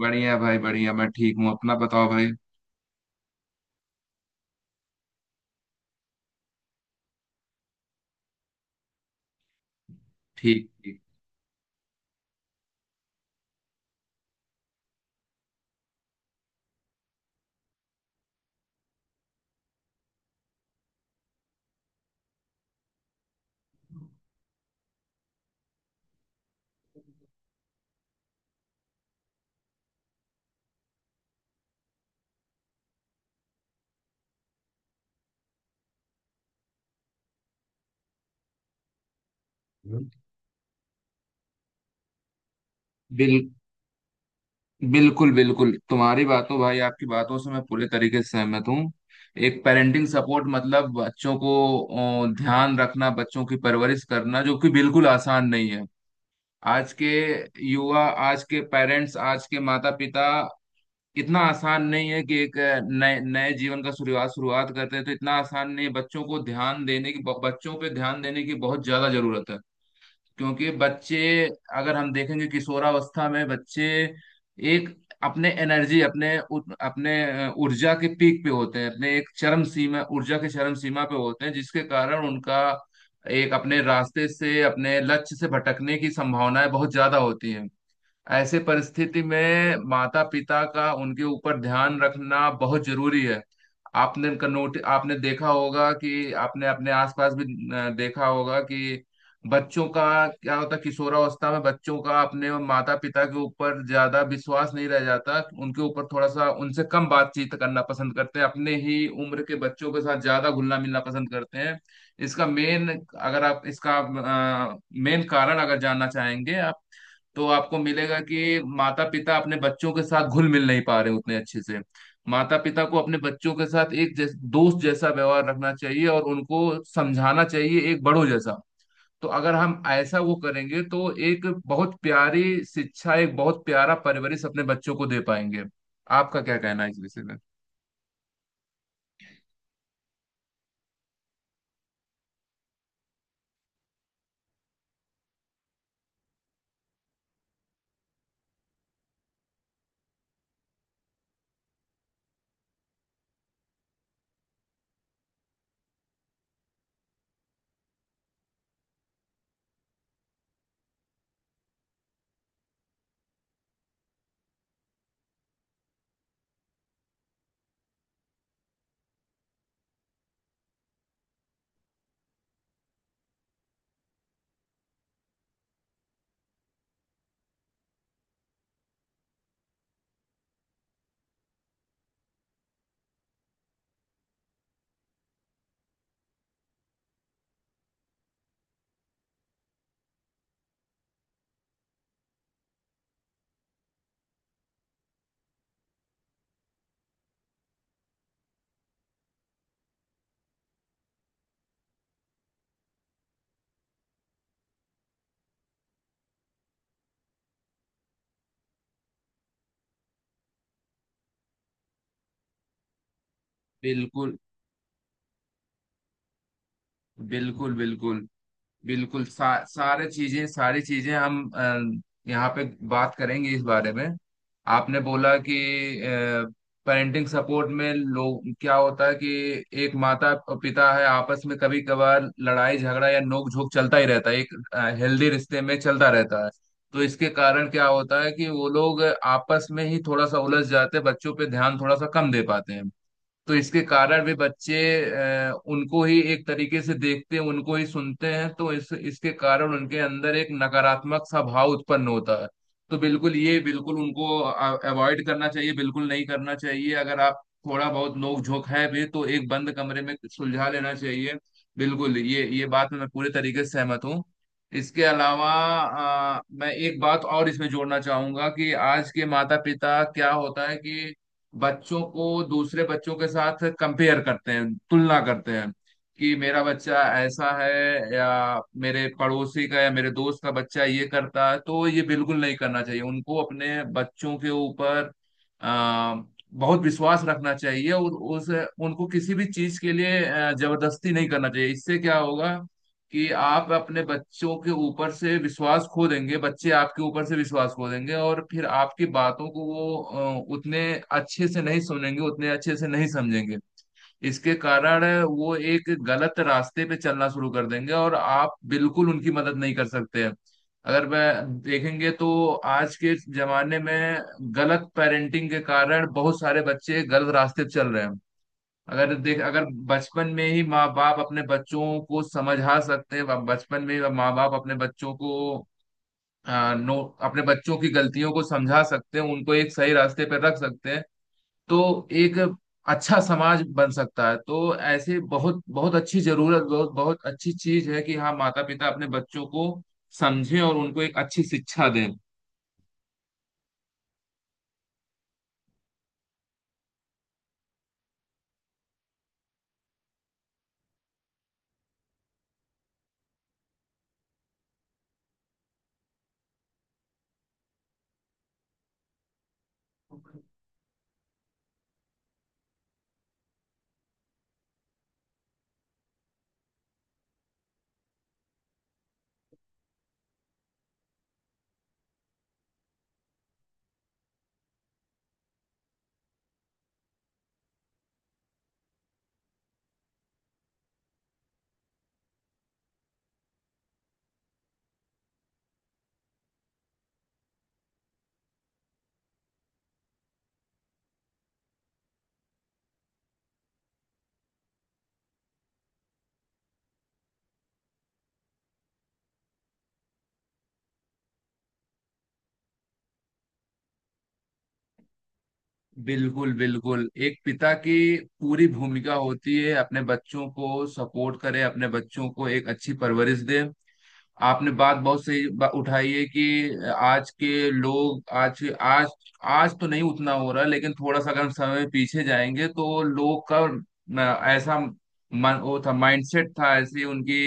बढ़िया भाई बढ़िया, मैं ठीक हूँ। अपना बताओ भाई। ठीक ठीक। हम्म। बिल बिल्कुल बिल्कुल, तुम्हारी बातों भाई आपकी बातों से मैं पूरे तरीके से सहमत हूँ। एक पेरेंटिंग सपोर्ट मतलब बच्चों को ध्यान रखना, बच्चों की परवरिश करना, जो कि बिल्कुल आसान नहीं है। आज के युवा, आज के पेरेंट्स, आज के माता पिता, इतना आसान नहीं है कि एक नए नए जीवन का शुरुआत शुरुआत करते हैं, तो इतना आसान नहीं है। बच्चों पे ध्यान देने की बहुत ज्यादा जरूरत है। क्योंकि बच्चे, अगर हम देखेंगे किशोरावस्था में बच्चे एक अपने एनर्जी, अपने ऊर्जा के पीक पे होते हैं, अपने एक चरम सीमा ऊर्जा के चरम सीमा पे होते हैं, जिसके कारण उनका एक अपने रास्ते से, अपने लक्ष्य से भटकने की संभावनाएं बहुत ज्यादा होती हैं। ऐसे परिस्थिति में माता पिता का उनके ऊपर ध्यान रखना बहुत जरूरी है। आपने का नोट आपने अपने आसपास भी देखा होगा कि बच्चों का क्या होता है, किशोरावस्था में बच्चों का अपने माता पिता के ऊपर ज्यादा विश्वास नहीं रह जाता, उनके ऊपर थोड़ा सा, उनसे कम बातचीत करना पसंद करते हैं, अपने ही उम्र के बच्चों के साथ ज्यादा घुलना मिलना पसंद करते हैं। इसका मेन कारण अगर जानना चाहेंगे आप, तो आपको मिलेगा कि माता पिता अपने बच्चों के साथ घुल मिल नहीं पा रहे हैं उतने अच्छे से। माता पिता को अपने बच्चों के साथ एक दोस्त जैसा व्यवहार रखना चाहिए और उनको समझाना चाहिए एक बड़ों जैसा। तो अगर हम ऐसा वो करेंगे तो एक बहुत प्यारी शिक्षा, एक बहुत प्यारा परवरिश अपने बच्चों को दे पाएंगे। आपका क्या कहना है इस विषय में? बिल्कुल बिल्कुल, बिल्कुल बिल्कुल, सारे चीजें सारी चीजें हम यहाँ पे बात करेंगे इस बारे में। आपने बोला कि पेरेंटिंग सपोर्ट में लोग क्या होता है कि एक माता और पिता है, आपस में कभी कभार लड़ाई झगड़ा या नोक झोंक चलता ही रहता है, एक हेल्दी रिश्ते में चलता रहता है। तो इसके कारण क्या होता है कि वो लोग आपस में ही थोड़ा सा उलझ जाते हैं, बच्चों पे ध्यान थोड़ा सा कम दे पाते हैं। तो इसके कारण भी बच्चे उनको ही एक तरीके से देखते हैं, उनको ही सुनते हैं, तो इस इसके कारण उनके अंदर एक नकारात्मक सा भाव उत्पन्न होता है। तो बिल्कुल ये, बिल्कुल उनको अवॉइड करना चाहिए, बिल्कुल नहीं करना चाहिए। अगर आप थोड़ा बहुत नोक झोंक है भी तो एक बंद कमरे में सुलझा लेना चाहिए। बिल्कुल, ये बात में मैं पूरे तरीके से सहमत हूँ। इसके अलावा मैं एक बात और इसमें जोड़ना चाहूंगा कि आज के माता पिता क्या होता है कि बच्चों को दूसरे बच्चों के साथ कंपेयर करते हैं, तुलना करते हैं। कि मेरा बच्चा ऐसा है, या मेरे पड़ोसी का या मेरे दोस्त का बच्चा ये करता है, तो ये बिल्कुल नहीं करना चाहिए। उनको अपने बच्चों के ऊपर आ, बहुत विश्वास रखना चाहिए, और उस उनको किसी भी चीज के लिए जबरदस्ती नहीं करना चाहिए। इससे क्या होगा? कि आप अपने बच्चों के ऊपर से विश्वास खो देंगे, बच्चे आपके ऊपर से विश्वास खो देंगे, और फिर आपकी बातों को वो उतने अच्छे से नहीं सुनेंगे, उतने अच्छे से नहीं समझेंगे। इसके कारण वो एक गलत रास्ते पे चलना शुरू कर देंगे, और आप बिल्कुल उनकी मदद नहीं कर सकते। अगर वह देखेंगे तो आज के जमाने में गलत पेरेंटिंग के कारण बहुत सारे बच्चे गलत रास्ते पे चल रहे हैं। अगर बचपन में ही माँ बाप अपने बच्चों को समझा सकते हैं, बचपन में ही माँ बाप अपने बच्चों को आ, नो अपने बच्चों की गलतियों को समझा सकते हैं, उनको एक सही रास्ते पर रख सकते हैं। तो एक अच्छा समाज बन सकता है। तो ऐसे बहुत बहुत अच्छी जरूरत, बहुत बहुत अच्छी चीज है कि हाँ माता पिता अपने बच्चों को समझें और उनको एक अच्छी शिक्षा दें। बिल्कुल बिल्कुल, एक पिता की पूरी भूमिका होती है अपने बच्चों को सपोर्ट करे, अपने बच्चों को एक अच्छी परवरिश दे। आपने बात बहुत सही उठाई है कि आज के लोग, आज आज आज तो नहीं उतना हो रहा, लेकिन थोड़ा सा अगर हम समय पीछे जाएंगे तो लोग का ऐसा मन वो था माइंडसेट था, ऐसी उनकी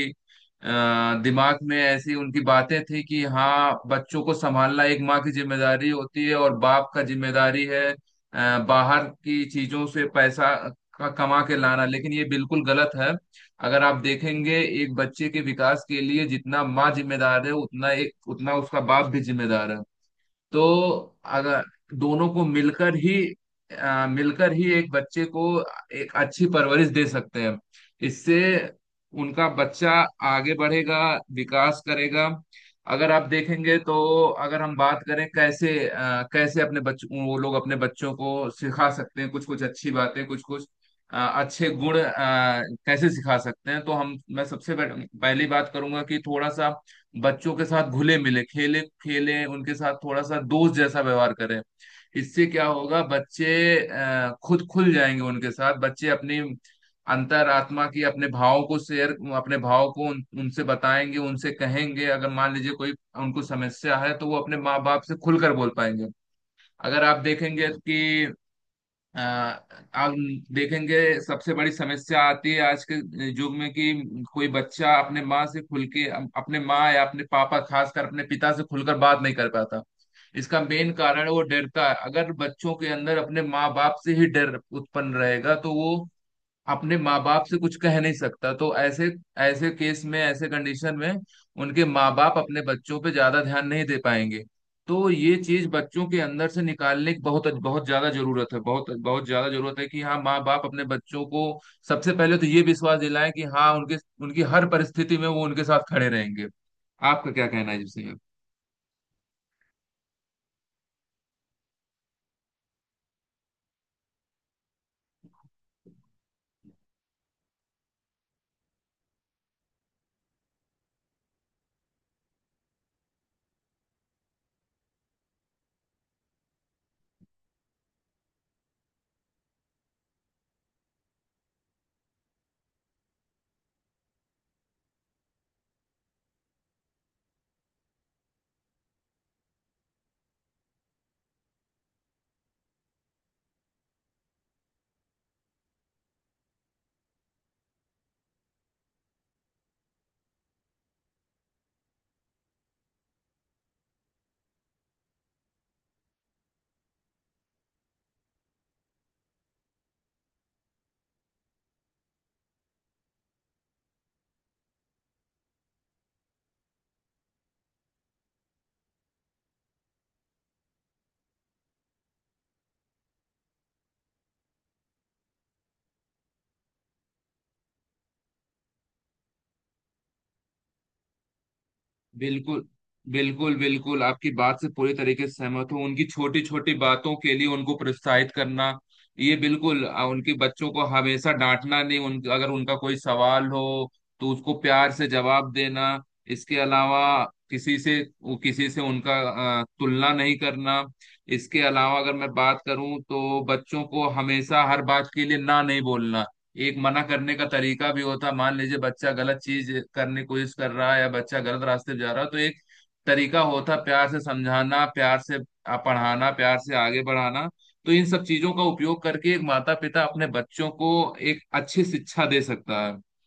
दिमाग में ऐसी उनकी बातें थी कि हाँ, बच्चों को संभालना एक माँ की जिम्मेदारी होती है, और बाप का जिम्मेदारी है बाहर की चीजों से पैसा का कमा के लाना। लेकिन ये बिल्कुल गलत है। अगर आप देखेंगे एक बच्चे के विकास के लिए जितना माँ जिम्मेदार है, उतना उसका बाप भी जिम्मेदार है। तो अगर दोनों को मिलकर ही एक बच्चे को एक अच्छी परवरिश दे सकते हैं। इससे उनका बच्चा आगे बढ़ेगा, विकास करेगा। अगर आप देखेंगे तो अगर हम बात करें कैसे, कैसे अपने बच्चों वो लोग अपने बच्चों को सिखा सकते हैं कुछ कुछ अच्छी बातें, कुछ कुछ अच्छे गुण, कैसे सिखा सकते हैं, तो हम मैं सबसे पहली बात करूंगा कि थोड़ा सा बच्चों के साथ घुले मिले, खेलें उनके साथ, थोड़ा सा दोस्त जैसा व्यवहार करें। इससे क्या होगा, बच्चे खुद खुल जाएंगे उनके साथ। बच्चे अपनी अंतरात्मा की, अपने भावों को शेयर, अपने भाव को उनसे बताएंगे, उनसे कहेंगे, अगर मान लीजिए कोई उनको समस्या है तो वो अपने माँ बाप से खुलकर बोल पाएंगे। अगर आप देखेंगे कि अ, आप देखेंगे सबसे बड़ी समस्या आती है आज के युग में कि कोई बच्चा अपने माँ से खुल के अपने माँ या अपने पापा, खासकर अपने पिता से खुलकर बात नहीं कर पाता। इसका मेन कारण है वो डरता है। अगर बच्चों के अंदर अपने माँ बाप से ही डर उत्पन्न रहेगा तो वो अपने माँ बाप से कुछ कह नहीं सकता। तो ऐसे, ऐसे केस में ऐसे कंडीशन में उनके माँ बाप अपने बच्चों पे ज्यादा ध्यान नहीं दे पाएंगे। तो ये चीज बच्चों के अंदर से निकालने की बहुत बहुत ज्यादा जरूरत है, बहुत बहुत ज्यादा जरूरत है कि हाँ माँ बाप अपने बच्चों को सबसे पहले तो ये विश्वास दिलाएं कि हाँ, उनके उनकी हर परिस्थिति में वो उनके साथ खड़े रहेंगे। आपका क्या कहना है इसमें? बिल्कुल बिल्कुल, बिल्कुल आपकी बात से पूरी तरीके से सहमत हूँ। उनकी छोटी छोटी बातों के लिए उनको प्रोत्साहित करना, ये बिल्कुल उनके बच्चों को हमेशा डांटना नहीं, उन अगर उनका कोई सवाल हो तो उसको प्यार से जवाब देना। इसके अलावा किसी से किसी से उनका तुलना नहीं करना। इसके अलावा अगर मैं बात करूं तो बच्चों को हमेशा हर बात के लिए ना नहीं बोलना। एक मना करने का तरीका भी होता है। मान लीजिए बच्चा गलत चीज करने की कोशिश कर रहा है या बच्चा गलत रास्ते पे जा रहा है, तो एक तरीका होता है प्यार से समझाना, प्यार से पढ़ाना, प्यार से आगे बढ़ाना। तो इन सब चीजों का उपयोग करके एक माता पिता अपने बच्चों को एक अच्छी शिक्षा दे सकता है।